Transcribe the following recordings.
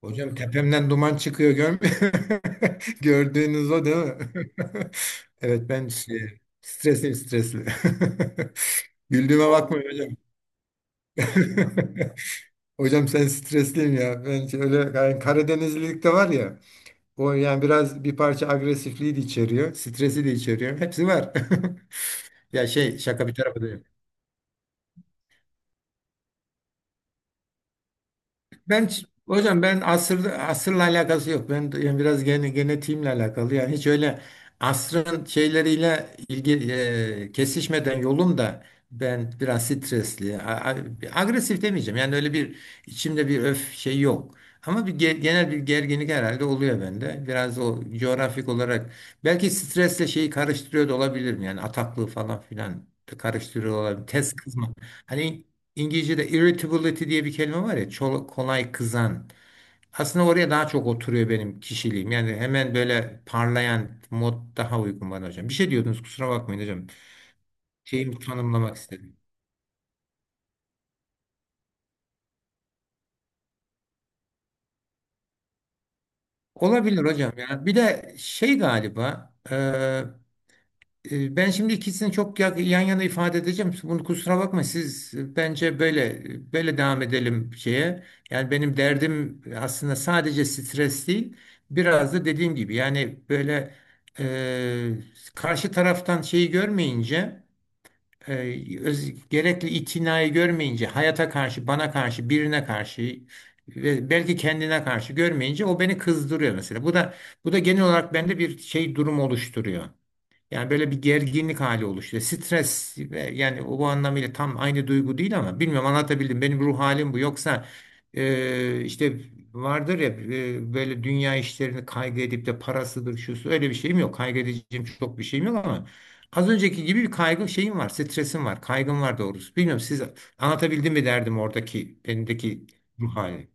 Hocam tepemden duman çıkıyor görmüyor. Gördüğünüz o değil mi? Evet ben stresli stresli. Güldüğüme vallahi bakmayın hocam. Hocam sen stresliyim ya. Ben şöyle yani Karadenizlilik de var ya. O yani biraz bir parça agresifliği de içeriyor. Stresi de içeriyor. Hepsi var. Ya şey şaka bir tarafa da. Ben hocam ben asır asırla alakası yok. Ben yani biraz genetiğimle alakalı. Yani hiç öyle asrın şeyleriyle ilgi kesişmeden yolum da ben biraz a- agresif demeyeceğim. Yani öyle bir içimde bir öf şey yok. Ama bir genel bir gerginlik herhalde oluyor bende. Biraz o coğrafik olarak belki stresle şeyi karıştırıyor da olabilirim. Yani ataklığı falan filan da karıştırıyor olabilirim. Tez kızma. Hani İngilizce'de irritability diye bir kelime var ya, kolay kızan. Aslında oraya daha çok oturuyor benim kişiliğim. Yani hemen böyle parlayan mod daha uygun bana hocam. Bir şey diyordunuz, kusura bakmayın hocam. Şeyimi tanımlamak istedim. Olabilir hocam ya. Bir de şey galiba. Ben şimdi ikisini çok yan yana ifade edeceğim. Bunu kusura bakma, siz bence böyle devam edelim şeye. Yani benim derdim aslında sadece stres değil. Biraz da dediğim gibi yani böyle karşı taraftan şeyi görmeyince, gerekli itinayı görmeyince hayata karşı, bana karşı, birine karşı ve belki kendine karşı görmeyince, o beni kızdırıyor mesela. Bu da genel olarak bende bir şey durum oluşturuyor. Yani böyle bir gerginlik hali oluşuyor. Stres ve yani o bu anlamıyla tam aynı duygu değil ama bilmiyorum anlatabildim. Benim ruh halim bu. Yoksa işte vardır ya böyle dünya işlerini kaygı edip de parasıdır şusu öyle bir şeyim yok. Kaygı edeceğim çok bir şeyim yok ama az önceki gibi bir kaygı şeyim var. Stresim var. Kaygım var doğrusu. Bilmiyorum siz anlatabildim mi derdim oradaki benimdeki ruh hali.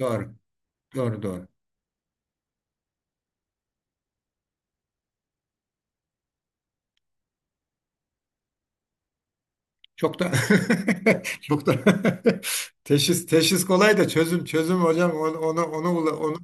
Doğru. Doğru, doğru. Çok da çok da teşhis kolay da çözüm hocam onu.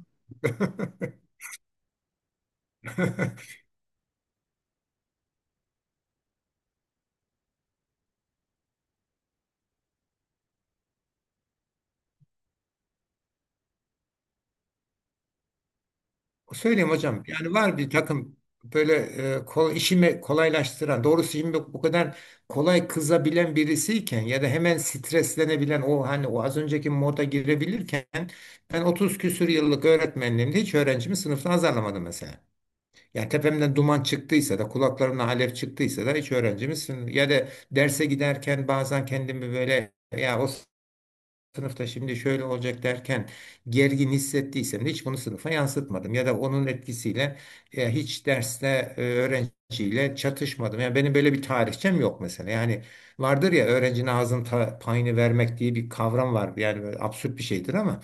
Söyleyeyim hocam yani var bir takım böyle işimi kolaylaştıran doğrusu. Şimdi bu kadar kolay kızabilen birisiyken ya da hemen streslenebilen, o hani o az önceki moda girebilirken, ben 30 küsür yıllık öğretmenliğimde hiç öğrencimi sınıfta azarlamadım mesela. Yani tepemden duman çıktıysa da, kulaklarımdan alev çıktıysa da hiç öğrencimizsin. Ya da derse giderken bazen kendimi böyle ya o sınıfta şimdi şöyle olacak derken gergin hissettiysem de hiç bunu sınıfa yansıtmadım. Ya da onun etkisiyle hiç derste öğrenciyle çatışmadım. Yani benim böyle bir tarihçem yok mesela. Yani vardır ya öğrencinin ağzının payını vermek diye bir kavram var. Yani böyle absürt bir şeydir ama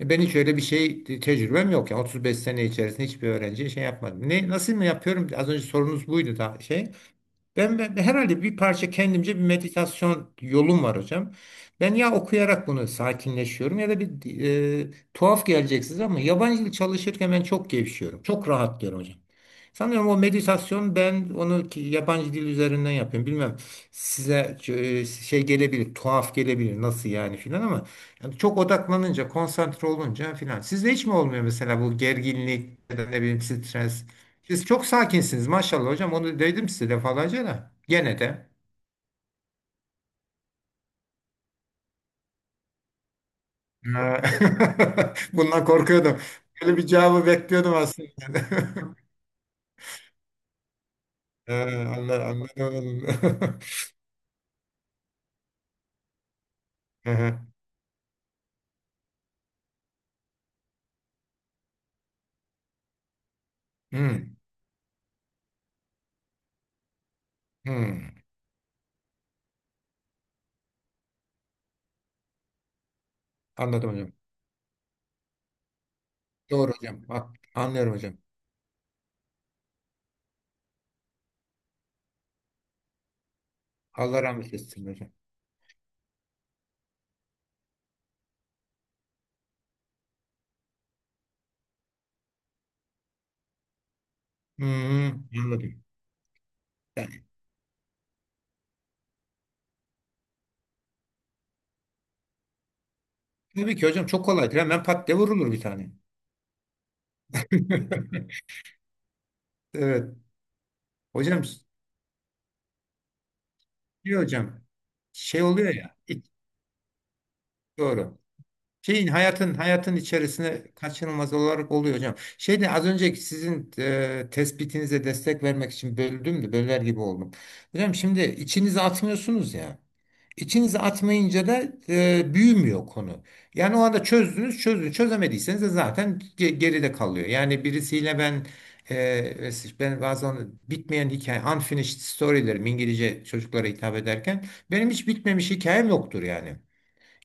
ben hiç öyle bir şey tecrübem yok ya. 35 sene içerisinde hiçbir öğrenciye şey yapmadım. Ne, nasıl mı yapıyorum? Az önce sorunuz buydu da şey. Ben herhalde bir parça kendimce bir meditasyon yolum var hocam. Ben ya okuyarak bunu sakinleşiyorum ya da bir tuhaf gelecek size ama yabancı dil çalışırken ben çok gevşiyorum. Çok rahatlıyorum hocam. Sanıyorum o meditasyon, ben onu yabancı dil üzerinden yapıyorum. Bilmem size şey gelebilir, tuhaf gelebilir, nasıl yani filan, ama yani çok odaklanınca, konsantre olunca filan. Sizde hiç mi olmuyor mesela bu gerginlik ya da ne bileyim stres? Siz çok sakinsiniz maşallah hocam. Onu dedim size defalarca da. Gene de. Ha. Bundan korkuyordum. Böyle bir cevabı bekliyordum aslında. Ha, anladım. Hı hı. Hmm, hmm. Anladım hocam. Doğru hocam. Ha, anlıyorum hocam. Allah rahmet etsin hocam. Hmm, anladım. Yani, tabii ki hocam, çok kolaydır. Hemen pat diye vurulur bir tane. Evet. Hocam, diyor hocam. Şey oluyor ya. Doğru. Şeyin hayatın içerisine kaçınılmaz olarak oluyor hocam. Şeyde az önceki sizin tespitinize destek vermek için böldüm de böler gibi oldum. Hocam şimdi içinize atmıyorsunuz ya. İçinize atmayınca da büyümüyor konu. Yani o anda çözdünüz, çözdünüz. Çözemediyseniz de zaten geride kalıyor. Yani birisiyle ben e, ben bazen bitmeyen hikaye, unfinished story'lerim İngilizce çocuklara hitap ederken, benim hiç bitmemiş hikayem yoktur yani.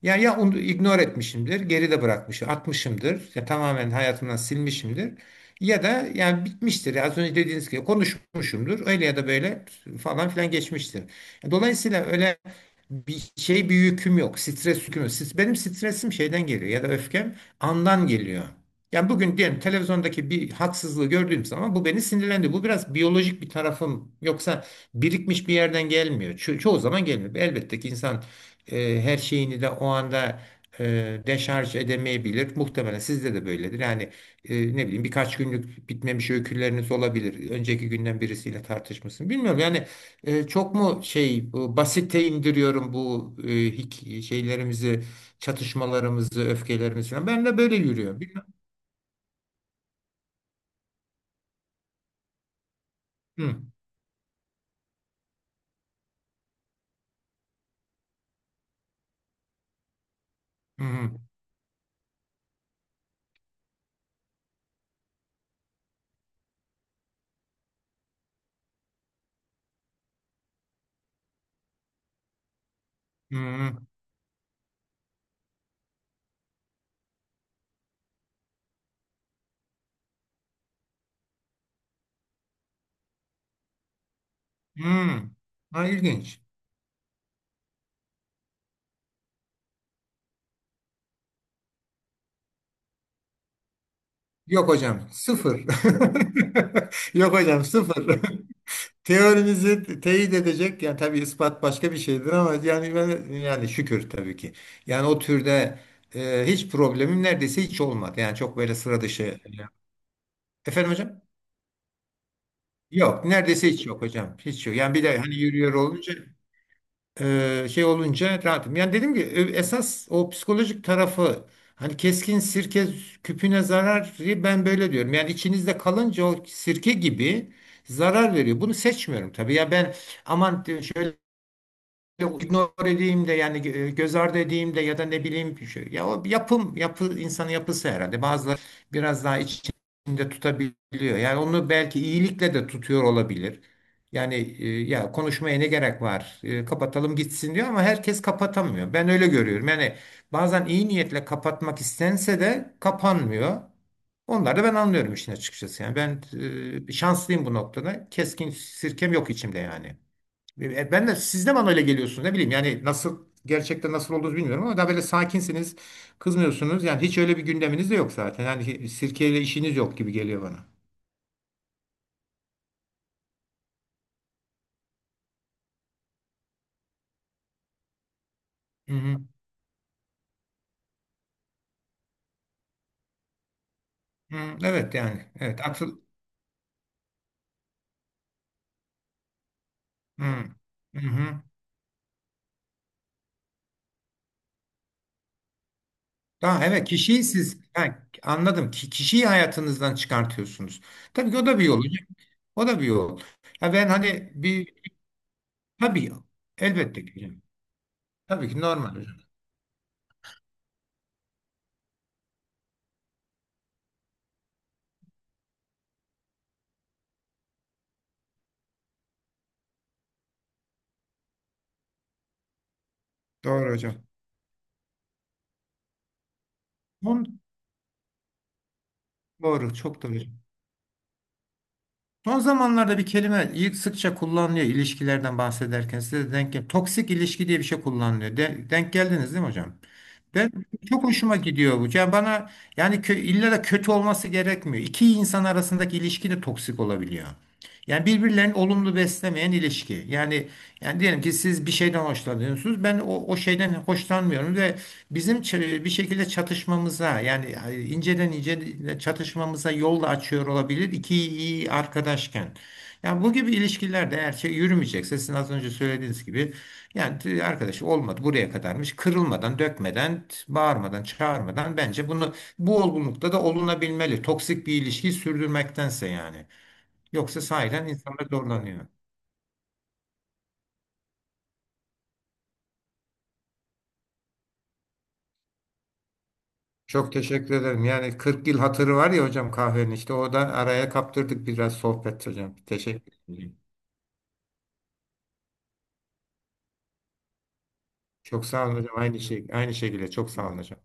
Yani ya onu ignore etmişimdir, geride bırakmışım, atmışımdır, ya tamamen hayatımdan silmişimdir. Ya da yani bitmiştir. Az önce dediğiniz gibi konuşmuşumdur. Öyle ya da böyle falan filan geçmiştir. Dolayısıyla öyle bir şey bir yüküm yok. Stres yüküm yok. Benim stresim şeyden geliyor ya da öfkem andan geliyor. Yani bugün diyelim televizyondaki bir haksızlığı gördüğüm zaman bu beni sinirlendi. Bu biraz biyolojik bir tarafım. Yoksa birikmiş bir yerden gelmiyor. Çoğu zaman gelmiyor. Elbette ki insan her şeyini de o anda deşarj edemeyebilir. Muhtemelen sizde de böyledir. Yani ne bileyim birkaç günlük bitmemiş öyküleriniz olabilir. Önceki günden birisiyle tartışmışsın. Bilmiyorum yani çok mu şey, bu basite indiriyorum bu şeylerimizi, çatışmalarımızı, öfkelerimizi falan. Ben de böyle yürüyor. Bilmem. Hı, hı, hı, hı. Hı. Hı. Ha, ilginç. Yok hocam, sıfır. Yok hocam, sıfır. Teorinizi teyit edecek yani, tabii ispat başka bir şeydir ama yani yani şükür tabii ki. Yani o türde hiç problemim neredeyse hiç olmadı. Yani çok böyle sıra dışı. Efendim hocam? Yok neredeyse hiç yok hocam. Hiç yok. Yani bir de hani yürüyor olunca şey olunca rahatım. Yani dedim ki esas o psikolojik tarafı, hani keskin sirke küpüne zarar, ben böyle diyorum. Yani içinizde kalınca o sirke gibi zarar veriyor. Bunu seçmiyorum tabii. Ya ben aman diyor, şöyle ignore edeyim de yani göz ardı edeyim de ya da ne bileyim bir şey. Ya o yapım, yapı, insanın yapısı herhalde. Bazıları biraz daha içinde tutabiliyor. Yani onu belki iyilikle de tutuyor olabilir. Yani ya konuşmaya ne gerek var? E, kapatalım gitsin diyor ama herkes kapatamıyor. Ben öyle görüyorum. Yani bazen iyi niyetle kapatmak istense de kapanmıyor. Onları da ben anlıyorum işin açıkçası. Yani ben şanslıyım bu noktada. Keskin sirkem yok içimde yani. Ben de siz de bana öyle geliyorsunuz, ne bileyim yani, nasıl gerçekten nasıl olduğunuzu bilmiyorum, ama daha böyle sakinsiniz, kızmıyorsunuz yani, hiç öyle bir gündeminiz de yok zaten yani, sirkeyle işiniz yok gibi geliyor bana. Hı hı. Hı, evet yani evet akıl. Hı. Hı hı. Tamam evet, kişiyi siz, ha, anladım, ki kişiyi hayatınızdan çıkartıyorsunuz. Tabii ki o da bir yol. O da bir yol. Ya ben hani bir, tabii, elbette ki hocam. Tabii ki normal hocam. Doğru hocam. On, doğru, çok doğru. Son zamanlarda bir kelime ilk sıkça kullanılıyor ilişkilerden bahsederken, size de denk gel. Toksik ilişki diye bir şey kullanılıyor. Denk geldiniz değil mi hocam? Ben çok hoşuma gidiyor bu. Yani bana, yani illa da kötü olması gerekmiyor. İki insan arasındaki ilişki de toksik olabiliyor. Yani birbirlerini olumlu beslemeyen ilişki. Yani diyelim ki siz bir şeyden hoşlanıyorsunuz. Ben o şeyden hoşlanmıyorum ve bizim bir şekilde çatışmamıza, yani inceden ince çatışmamıza yol da açıyor olabilir iki iyi arkadaşken. Yani bu gibi ilişkilerde eğer şey yürümeyecekse, sizin az önce söylediğiniz gibi, yani arkadaş olmadı, buraya kadarmış, kırılmadan, dökmeden, bağırmadan, çağırmadan, bence bunu, bu olgunlukta da olunabilmeli toksik bir ilişkiyi sürdürmektense yani. Yoksa sahiden insanlar zorlanıyor. Çok teşekkür ederim. Yani 40 yıl hatırı var ya hocam kahvenin, işte o da araya kaptırdık biraz sohbet hocam. Teşekkür ederim. Çok sağ olun hocam. Aynı şey, aynı şekilde çok sağ olun hocam.